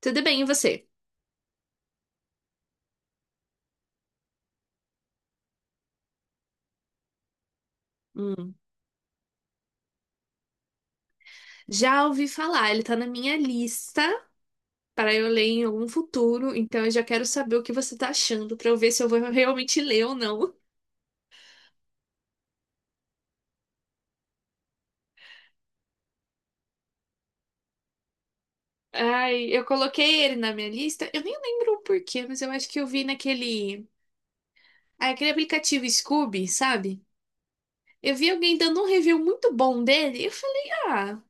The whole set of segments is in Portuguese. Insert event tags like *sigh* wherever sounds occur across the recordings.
Tudo bem, e você? Hum. Já ouvi falar, ele tá na minha lista para eu ler em algum futuro, então eu já quero saber o que você tá achando para eu ver se eu vou realmente ler ou não. Ai, eu coloquei ele na minha lista, eu nem lembro o porquê, mas eu acho que eu vi naquele, ah, aquele aplicativo Scoob, sabe? Eu vi alguém dando um review muito bom dele, e eu falei, ah,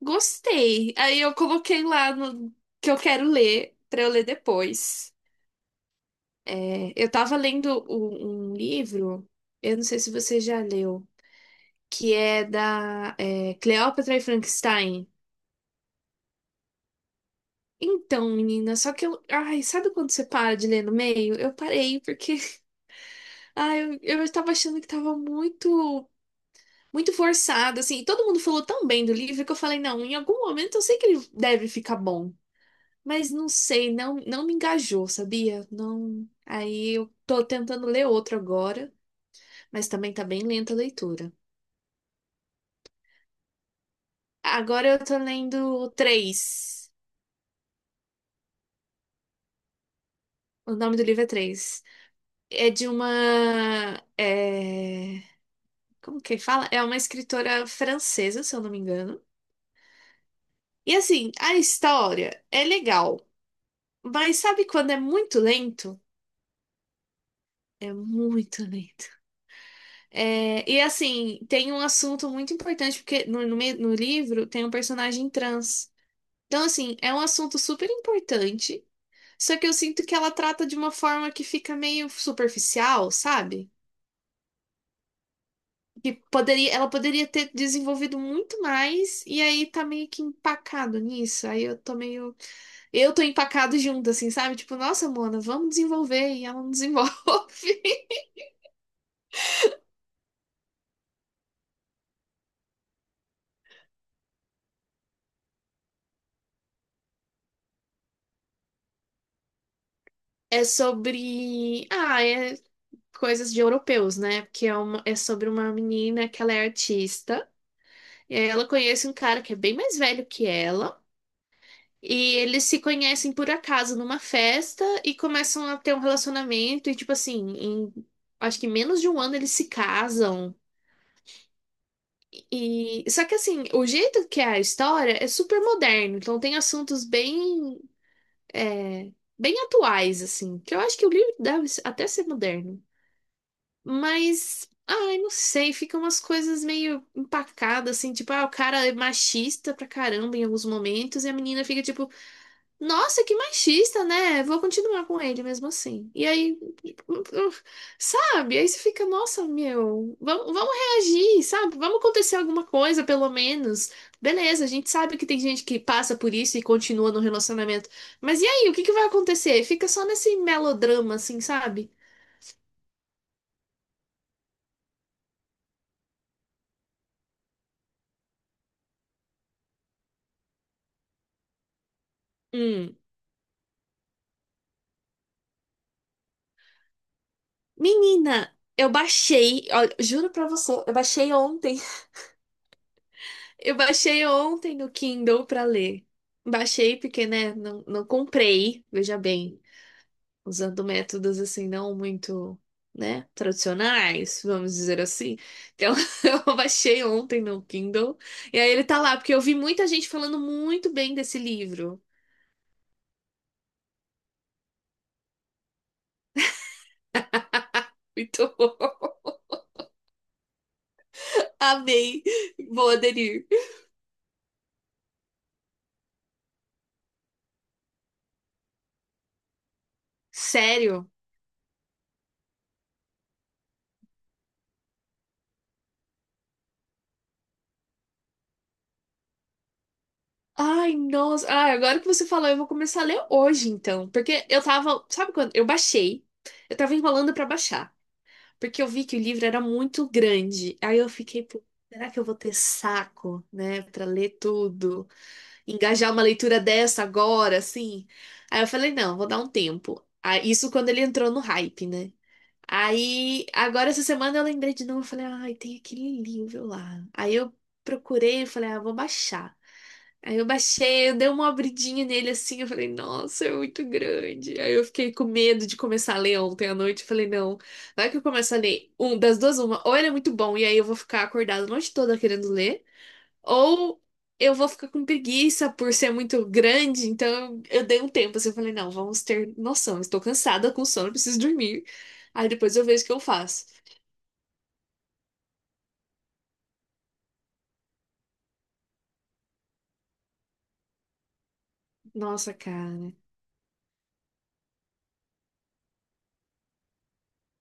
gostei. Aí eu coloquei lá no que eu quero ler para eu ler depois. É, eu tava lendo um livro, eu não sei se você já leu, que é da Cleópatra e Frankenstein. Então, menina, só que eu. Ai, sabe quando você para de ler no meio? Eu parei, porque. *laughs* Ai, eu tava achando que tava muito. Muito forçado, assim. Todo mundo falou tão bem do livro que eu falei, não, em algum momento eu sei que ele deve ficar bom. Mas não sei, não, não me engajou, sabia? Não. Aí eu tô tentando ler outro agora, mas também tá bem lenta a leitura. Agora eu tô lendo três. O nome do livro é três. É de uma. Como que fala? É uma escritora francesa, se eu não me engano. E assim, a história é legal, mas sabe quando é muito lento? É muito lento. E assim, tem um assunto muito importante, porque no livro tem um personagem trans. Então, assim, é um assunto super importante. Só que eu sinto que ela trata de uma forma que fica meio superficial, sabe? Que poderia, ela poderia ter desenvolvido muito mais, e aí tá meio que empacado nisso. Aí eu tô meio. Eu tô empacado junto, assim, sabe? Tipo, nossa, Mona, vamos desenvolver, e ela não desenvolve. *laughs* É sobre. Ah, é coisas de europeus, né? Porque é, é sobre uma menina que ela é artista, e aí ela conhece um cara que é bem mais velho que ela. E eles se conhecem por acaso numa festa e começam a ter um relacionamento e tipo assim, em acho que menos de 1 ano eles se casam. E só que assim, o jeito que é a história é super moderno, então tem assuntos bem é, bem atuais assim, que eu acho que o livro deve até ser moderno. Mas ai, não sei, ficam umas coisas meio empacadas assim, tipo, ah, o cara é machista pra caramba em alguns momentos e a menina fica tipo nossa, que machista, né? Vou continuar com ele mesmo assim. E aí, sabe? Aí você fica, nossa, meu, vamos, vamos reagir, sabe? Vamos acontecer alguma coisa, pelo menos. Beleza, a gente sabe que tem gente que passa por isso e continua no relacionamento. Mas e aí, o que que vai acontecer? Fica só nesse melodrama, assim, sabe? Hum. Menina, eu baixei, olha, juro pra você, eu baixei ontem. Eu baixei ontem no Kindle pra ler. Baixei porque, né, não, não comprei, veja bem, usando métodos assim não muito, né, tradicionais, vamos dizer assim. Então, *laughs* eu baixei ontem no Kindle e aí ele tá lá porque eu vi muita gente falando muito bem desse livro. Então, *laughs* amei. Vou aderir. Sério? Ai, nossa. Ai, agora que você falou, eu vou começar a ler hoje, então. Porque eu tava. Sabe quando? Eu baixei. Eu tava enrolando pra baixar. Porque eu vi que o livro era muito grande. Aí eu fiquei, pô, será que eu vou ter saco, né, para ler tudo? Engajar uma leitura dessa agora, assim? Aí eu falei, não, vou dar um tempo. Ah, isso quando ele entrou no hype, né? Aí, agora essa semana eu lembrei de novo, eu falei, ai, tem aquele livro lá. Aí eu procurei, eu falei, ah, vou baixar. Aí eu baixei, eu dei uma abridinha nele assim, eu falei, nossa, é muito grande. Aí eu fiquei com medo de começar a ler ontem à noite, eu falei, não, vai que eu começo a ler um das duas uma, ou ele é muito bom e aí eu vou ficar acordada a noite toda querendo ler, ou eu vou ficar com preguiça por ser muito grande, então eu dei um tempo, assim, eu falei, não, vamos ter noção, estou cansada com sono, preciso dormir. Aí depois eu vejo o que eu faço. Nossa, cara.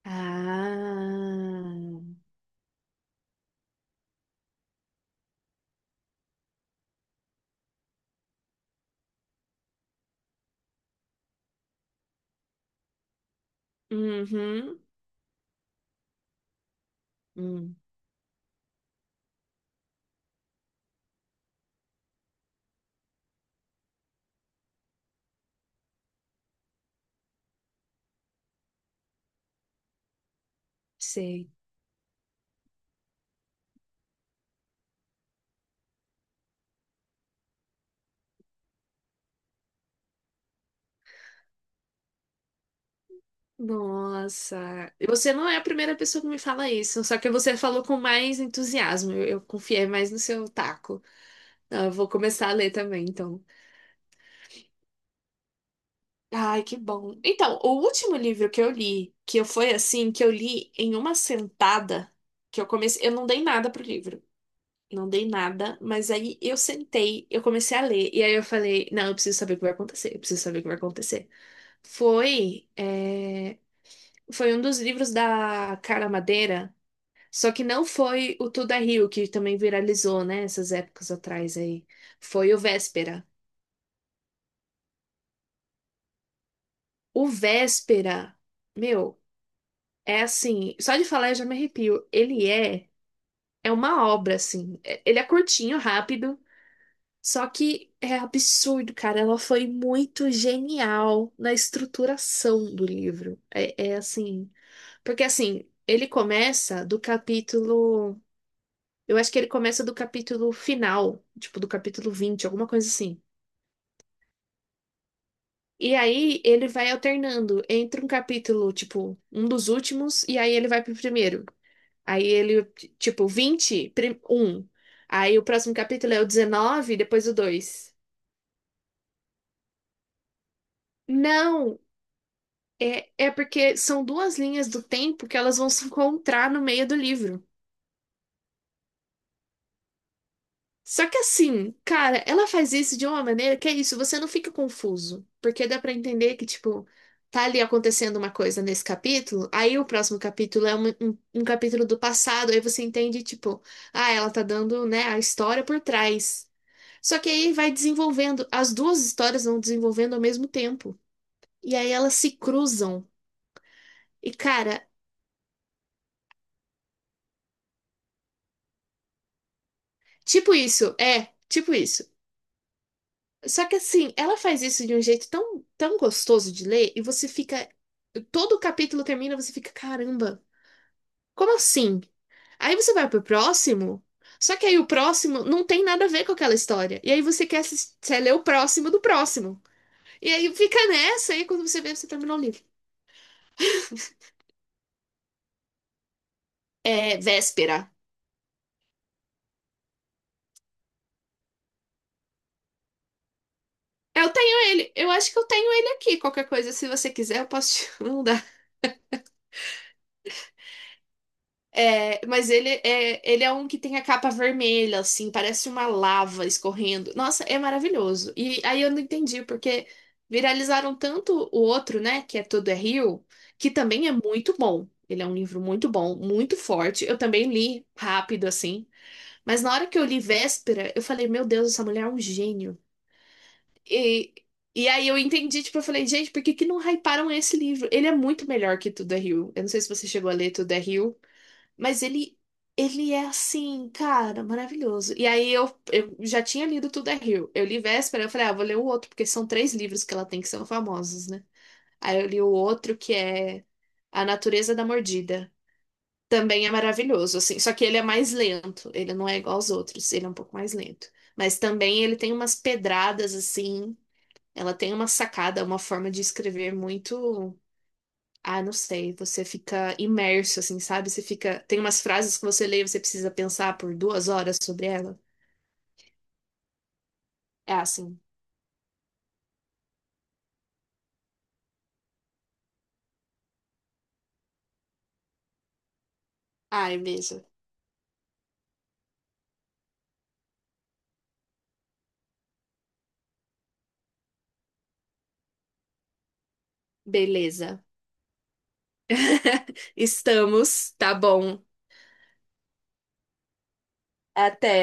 Ah. Uhum. Hum, sei. Nossa. Você não é a primeira pessoa que me fala isso, só que você falou com mais entusiasmo. Eu confiei mais no seu taco. Não, eu vou começar a ler também, então. Ai, que bom. Então, o último livro que eu li, que eu foi assim, que eu li em uma sentada, que eu comecei, eu não dei nada pro livro. Não dei nada, mas aí eu sentei, eu comecei a ler, e aí eu falei, não, eu preciso saber o que vai acontecer, eu preciso saber o que vai acontecer. Foi, é, Foi um dos livros da Carla Madeira, só que não foi o Tudo é Rio, que também viralizou, né, essas épocas atrás aí. Foi o Véspera. O Véspera, meu. É assim, só de falar eu já me arrepio. Ele é, é uma obra, assim. É- Ele é curtinho, rápido, só que é absurdo, cara. Ela foi muito genial na estruturação do livro. É, é assim, porque assim, ele começa do capítulo, eu acho que ele começa do capítulo final, tipo do capítulo 20, alguma coisa assim. E aí ele vai alternando entre um capítulo, tipo, um dos últimos, e aí ele vai pro primeiro. Aí ele, tipo, 20 um. Aí o próximo capítulo é o 19, depois o 2. Não, é, é porque são duas linhas do tempo que elas vão se encontrar no meio do livro. Só que assim, cara, ela faz isso de uma maneira que é isso, você não fica confuso. Porque dá pra entender que, tipo, tá ali acontecendo uma coisa nesse capítulo, aí o próximo capítulo é um capítulo do passado, aí você entende, tipo, ah, ela tá dando, né, a história por trás. Só que aí vai desenvolvendo, as duas histórias vão desenvolvendo ao mesmo tempo. E aí elas se cruzam. E cara, tipo isso, é, tipo isso. Só que assim, ela faz isso de um jeito tão, tão gostoso de ler e você fica. Todo o capítulo termina, você fica, caramba, como assim? Aí você vai pro próximo, só que aí o próximo não tem nada a ver com aquela história. E aí você quer, quer ler o próximo do próximo. E aí fica nessa, aí quando você vê, você terminou o livro. É véspera. Eu tenho ele, eu acho que eu tenho ele aqui. Qualquer coisa, se você quiser, eu posso te *laughs* mandar. É, mas ele é um que tem a capa vermelha, assim, parece uma lava escorrendo. Nossa, é maravilhoso. E aí eu não entendi, porque viralizaram tanto o outro, né, que é Tudo é Rio, que também é muito bom. Ele é um livro muito bom, muito forte. Eu também li rápido, assim. Mas na hora que eu li Véspera, eu falei, meu Deus, essa mulher é um gênio. E, e aí eu entendi, tipo, eu falei, gente, por que que não hyparam esse livro? Ele é muito melhor que Tudo é Rio. Eu não sei se você chegou a ler Tudo é Rio, mas ele é assim, cara, maravilhoso. E aí eu já tinha lido Tudo é Rio. Eu li Véspera, eu falei, ah, vou ler o outro, porque são três livros que ela tem que são famosos, né? Aí eu li o outro que é A Natureza da Mordida. Também é maravilhoso, assim. Só que ele é mais lento. Ele não é igual aos outros. Ele é um pouco mais lento. Mas também ele tem umas pedradas, assim, ela tem uma sacada, uma forma de escrever muito. Ah, não sei. Você fica imerso, assim, sabe? Você fica. Tem umas frases que você lê e você precisa pensar por 2 horas sobre ela. É assim. Ai, mesmo. Beleza. *laughs* Estamos. Tá bom. Até.